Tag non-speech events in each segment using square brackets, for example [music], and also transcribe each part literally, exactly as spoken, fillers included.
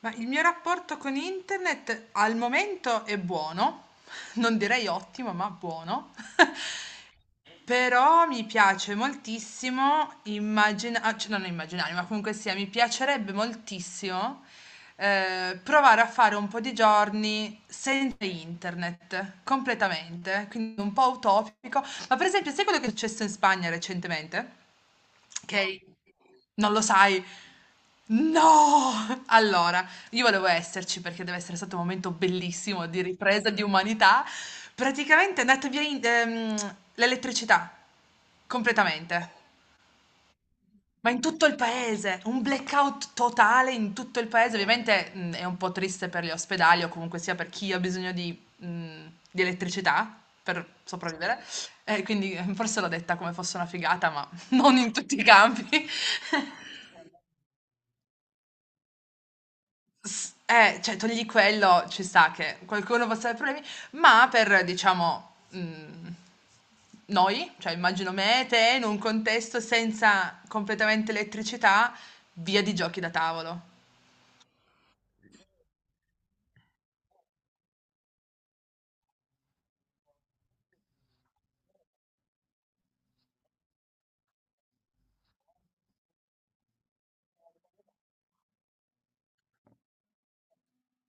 Ma il mio rapporto con internet al momento è buono, non direi ottimo, ma buono. [laughs] Però mi piace moltissimo immaginare, cioè non immaginare, ma comunque sia, mi piacerebbe moltissimo eh, provare a fare un po' di giorni senza internet, completamente, quindi un po' utopico. Ma per esempio, sai quello che è successo in Spagna recentemente? Okay? Non lo sai? No! [laughs] Allora, io volevo esserci perché deve essere stato un momento bellissimo di ripresa di umanità. Praticamente è andata via in ehm, l'elettricità, completamente, ma in tutto il paese, un blackout totale in tutto il paese. Ovviamente, mhmm, è un po' triste per gli ospedali o comunque sia per chi ha bisogno di mhmm, di elettricità per sopravvivere, e quindi eh, forse l'ho detta come fosse una figata, ma [laughs] non in tutti i campi. [laughs] S eh, cioè togli quello, ci sta che qualcuno possa aver problemi, ma per, diciamo, mhmm, noi, cioè immagino me e te, in un contesto senza completamente elettricità, via di giochi da tavolo.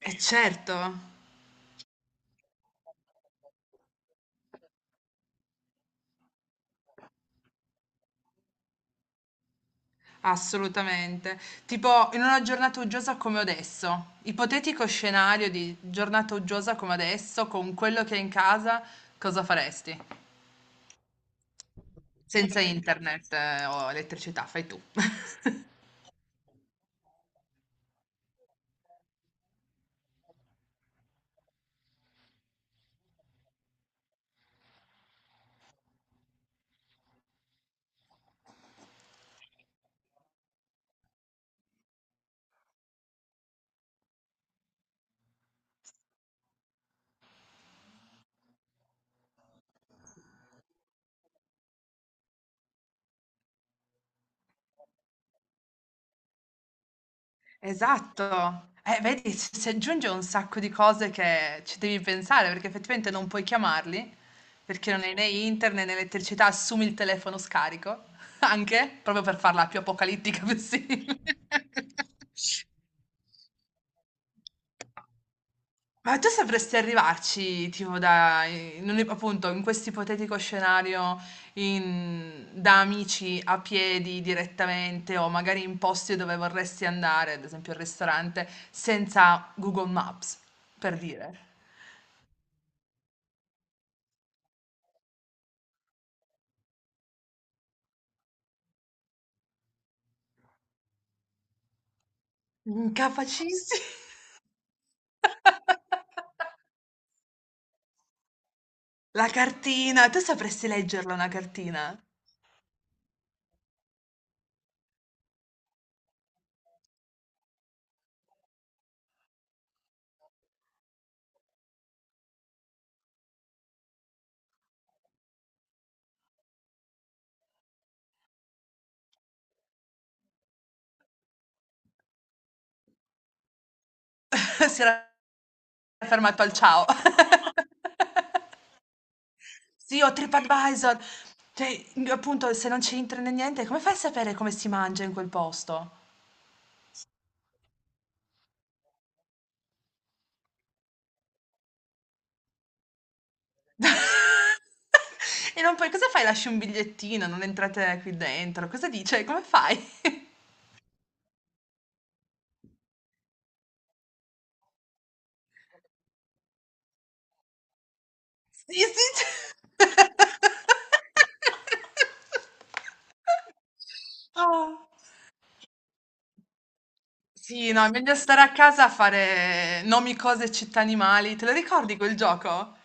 E certo, assolutamente. Tipo, in una giornata uggiosa come adesso, ipotetico scenario di giornata uggiosa come adesso, con quello che hai in casa, cosa faresti? Senza internet eh, o elettricità, fai tu. [laughs] Esatto. Eh, vedi, s si aggiunge un sacco di cose che ci devi pensare, perché effettivamente non puoi chiamarli, perché non hai né internet né elettricità, assumi il telefono scarico, [laughs] anche, proprio per farla più apocalittica possibile. [laughs] Ma tu sapresti arrivarci, tipo, da, in un- appunto, in questo ipotetico scenario, in- da amici a piedi direttamente o magari in posti dove vorresti andare, ad esempio al ristorante, senza Google Maps, per dire. Incapacissimi. [laughs] La cartina, tu sapresti leggerla una cartina? [laughs] Si era fermato al ciao. [laughs] Sì, ho TripAdvisor. Cioè, appunto, se non ci entri né niente, come fai a sapere come si mangia in quel posto? [laughs] E non puoi, cosa fai? Lasci un bigliettino, non entrate qui dentro. Cosa dice? Come fai? [laughs] Sì, sì. Oh. Sì, no, è meglio stare a casa a fare nomi, cose, città, animali. Te lo ricordi quel gioco?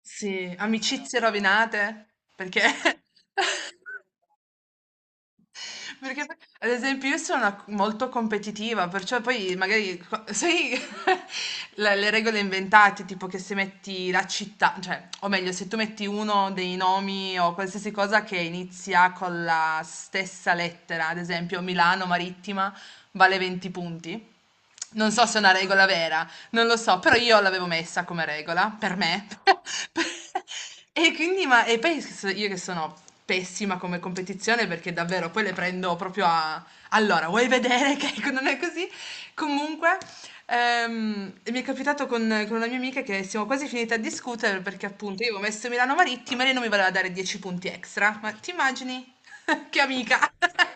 Sì, amicizie rovinate, perché... [laughs] Perché poi, ad esempio io sono una- molto competitiva, perciò poi magari, co- sai, [laughs] le, le regole inventate, tipo che se metti la città, cioè, o meglio, se tu metti uno dei nomi o qualsiasi cosa che inizia con la stessa lettera, ad esempio Milano Marittima vale venti punti. Non so se è una regola vera, non lo so, però io l'avevo messa come regola, per me. [laughs] E quindi, ma, e poi s- io che sono pessima come competizione perché davvero poi le prendo proprio a... Allora, vuoi vedere che [laughs] non è così? Comunque, ehm, mi è capitato con, con una mia amica che siamo quasi finite a discutere perché appunto io avevo messo Milano Marittima e lei non mi voleva dare dieci punti extra. Ma ti immagini? [laughs] Che amica! [laughs]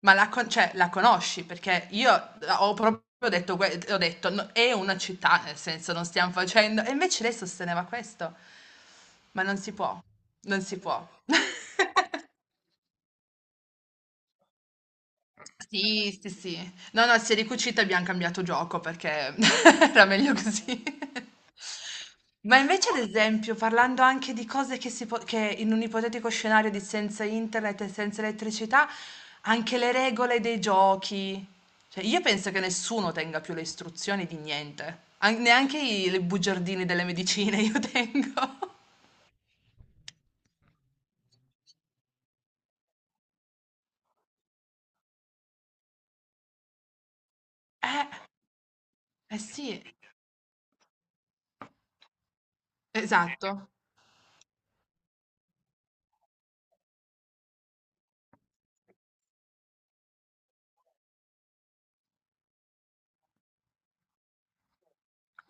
Ma la con cioè la conosci? Perché io ho proprio detto que ho detto: "No è una città, nel senso non stiamo facendo" e invece lei sosteneva questo. Ma non si può, non si può. [laughs] Sì, sì, sì. No, no, si è ricucita e abbiamo cambiato gioco perché [laughs] era meglio così. Ma invece, ad esempio, parlando anche di cose che, si po- che in un ipotetico scenario di senza internet e senza elettricità, anche le regole dei giochi. Cioè, io penso che nessuno tenga più le istruzioni di niente, An- neanche i le bugiardini delle medicine io tengo. [laughs] Eh, eh sì, esatto.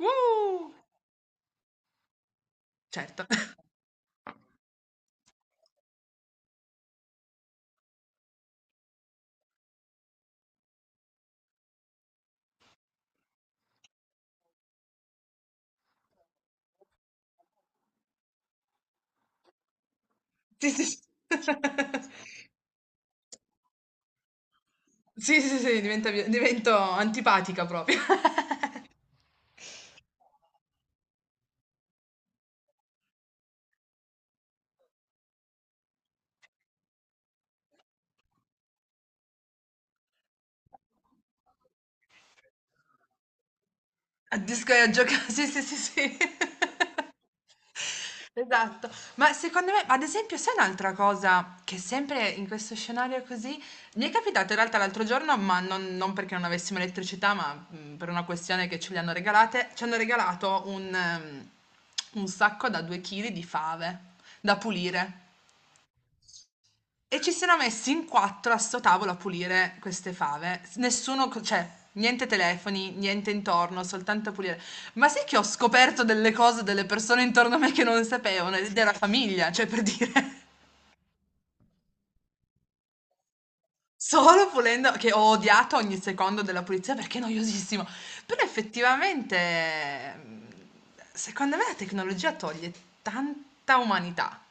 Uh, certo. [laughs] Sì, sì. Sì. [laughs] Sì, sì, sì, diventa vie divento antipatica proprio. [laughs] Al disco e a gioca [laughs] sì, sì, sì, sì. [laughs] Esatto. Ma secondo me ad esempio sai un'altra cosa che sempre in questo scenario così mi è capitato in realtà l'altro giorno, ma non non perché non avessimo elettricità, ma, mhmm, per una questione che ce le hanno regalate, ci hanno regalato un ehm, un sacco da due chili di fave da pulire. E ci siano messi in quattro a 'sto tavolo a pulire queste fave. S nessuno co cioè, niente telefoni, niente intorno, soltanto a pulire. Ma sai che ho scoperto delle cose, delle persone intorno a me che non sapevano ed era famiglia, cioè per dire. [laughs] Solo pulendo che ho odiato ogni secondo della pulizia perché è noiosissimo. Però effettivamente, mhmm, secondo me la tecnologia toglie tanta umanità.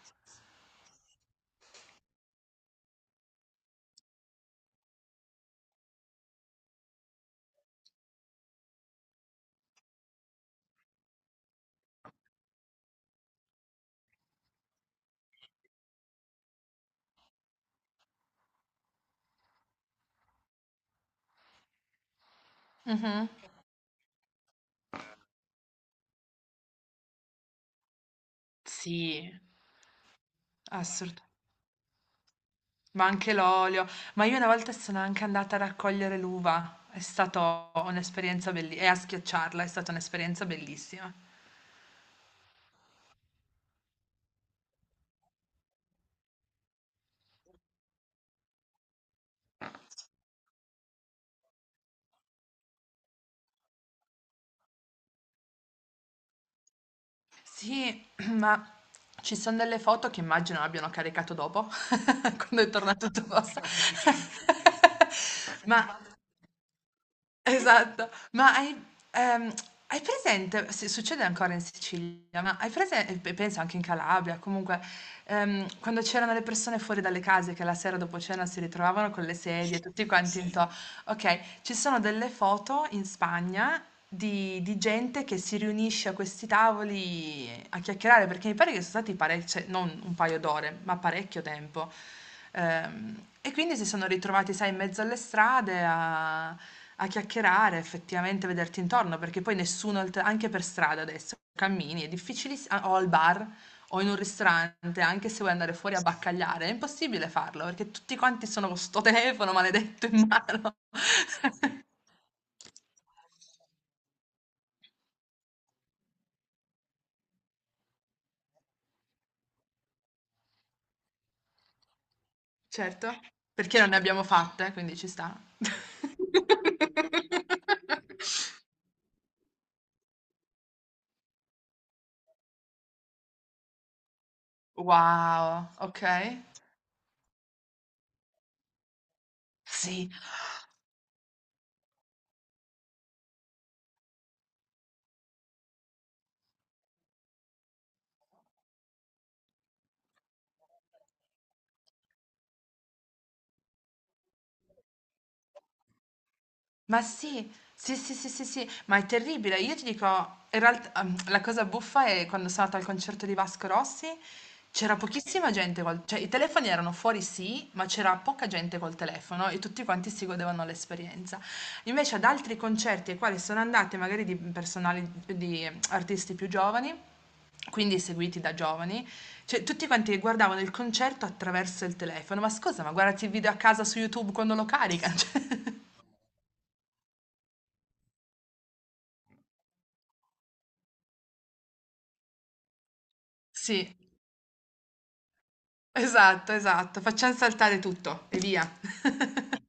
Mh-mh. Sì, assoluta. Ma anche l'olio. Ma io una volta sono anche andata a raccogliere l'uva. È stata un'esperienza bellissima. E a schiacciarla è stata un'esperienza bellissima. Sì, [clears throat] ma ci sono delle foto che immagino abbiano caricato dopo, [laughs] quando è tornato tutto posto. [laughs] Ma Esatto, ma hai ehm, hai presente se succede ancora in Sicilia, ma hai presen e pe penso anche in Calabria, comunque, ehm, quando c'erano le persone fuori dalle case che la sera dopo cena si ritrovavano con le sedie, tutti quanti sì. Into okay, ci sono delle foto in Spagna di di gente che si riunisce a questi tavoli a chiacchierare, perché mi pare che sono stati parec cioè non un paio d'ore, ma parecchio tempo. Ehm, e quindi si sono ritrovati, sai, in mezzo alle strade a a chiacchierare, effettivamente vederti intorno, perché poi nessuno al t anche per strada adesso cammini, è difficilis a o al bar, o in un ristorante, anche se vuoi andare fuori a baccagliare, è impossibile farlo perché tutti quanti sono con sto telefono maledetto in mano. [laughs] Certo, perché non ne abbiamo fatte, quindi ci sta. [laughs] Wow, ok. Sì, ma sì, sì, sì, sì, sì, sì, ma è terribile. Io ti dico, in realtà, ehm, la cosa buffa è quando sono andata al concerto di Vasco Rossi, c'era pochissima gente, col- cioè i telefoni erano fuori sì, ma c'era poca gente col telefono e tutti quanti si godevano l'esperienza. Invece ad altri concerti ai quali sono andate, magari di personali, di artisti più giovani, quindi seguiti da giovani, cioè tutti quanti guardavano il concerto attraverso il telefono. Ma scusa, ma guardati il video a casa su YouTube quando lo caricano? [laughs] Cioè, sì. Esatto, esatto. Facciam saltare tutto e via. [laughs]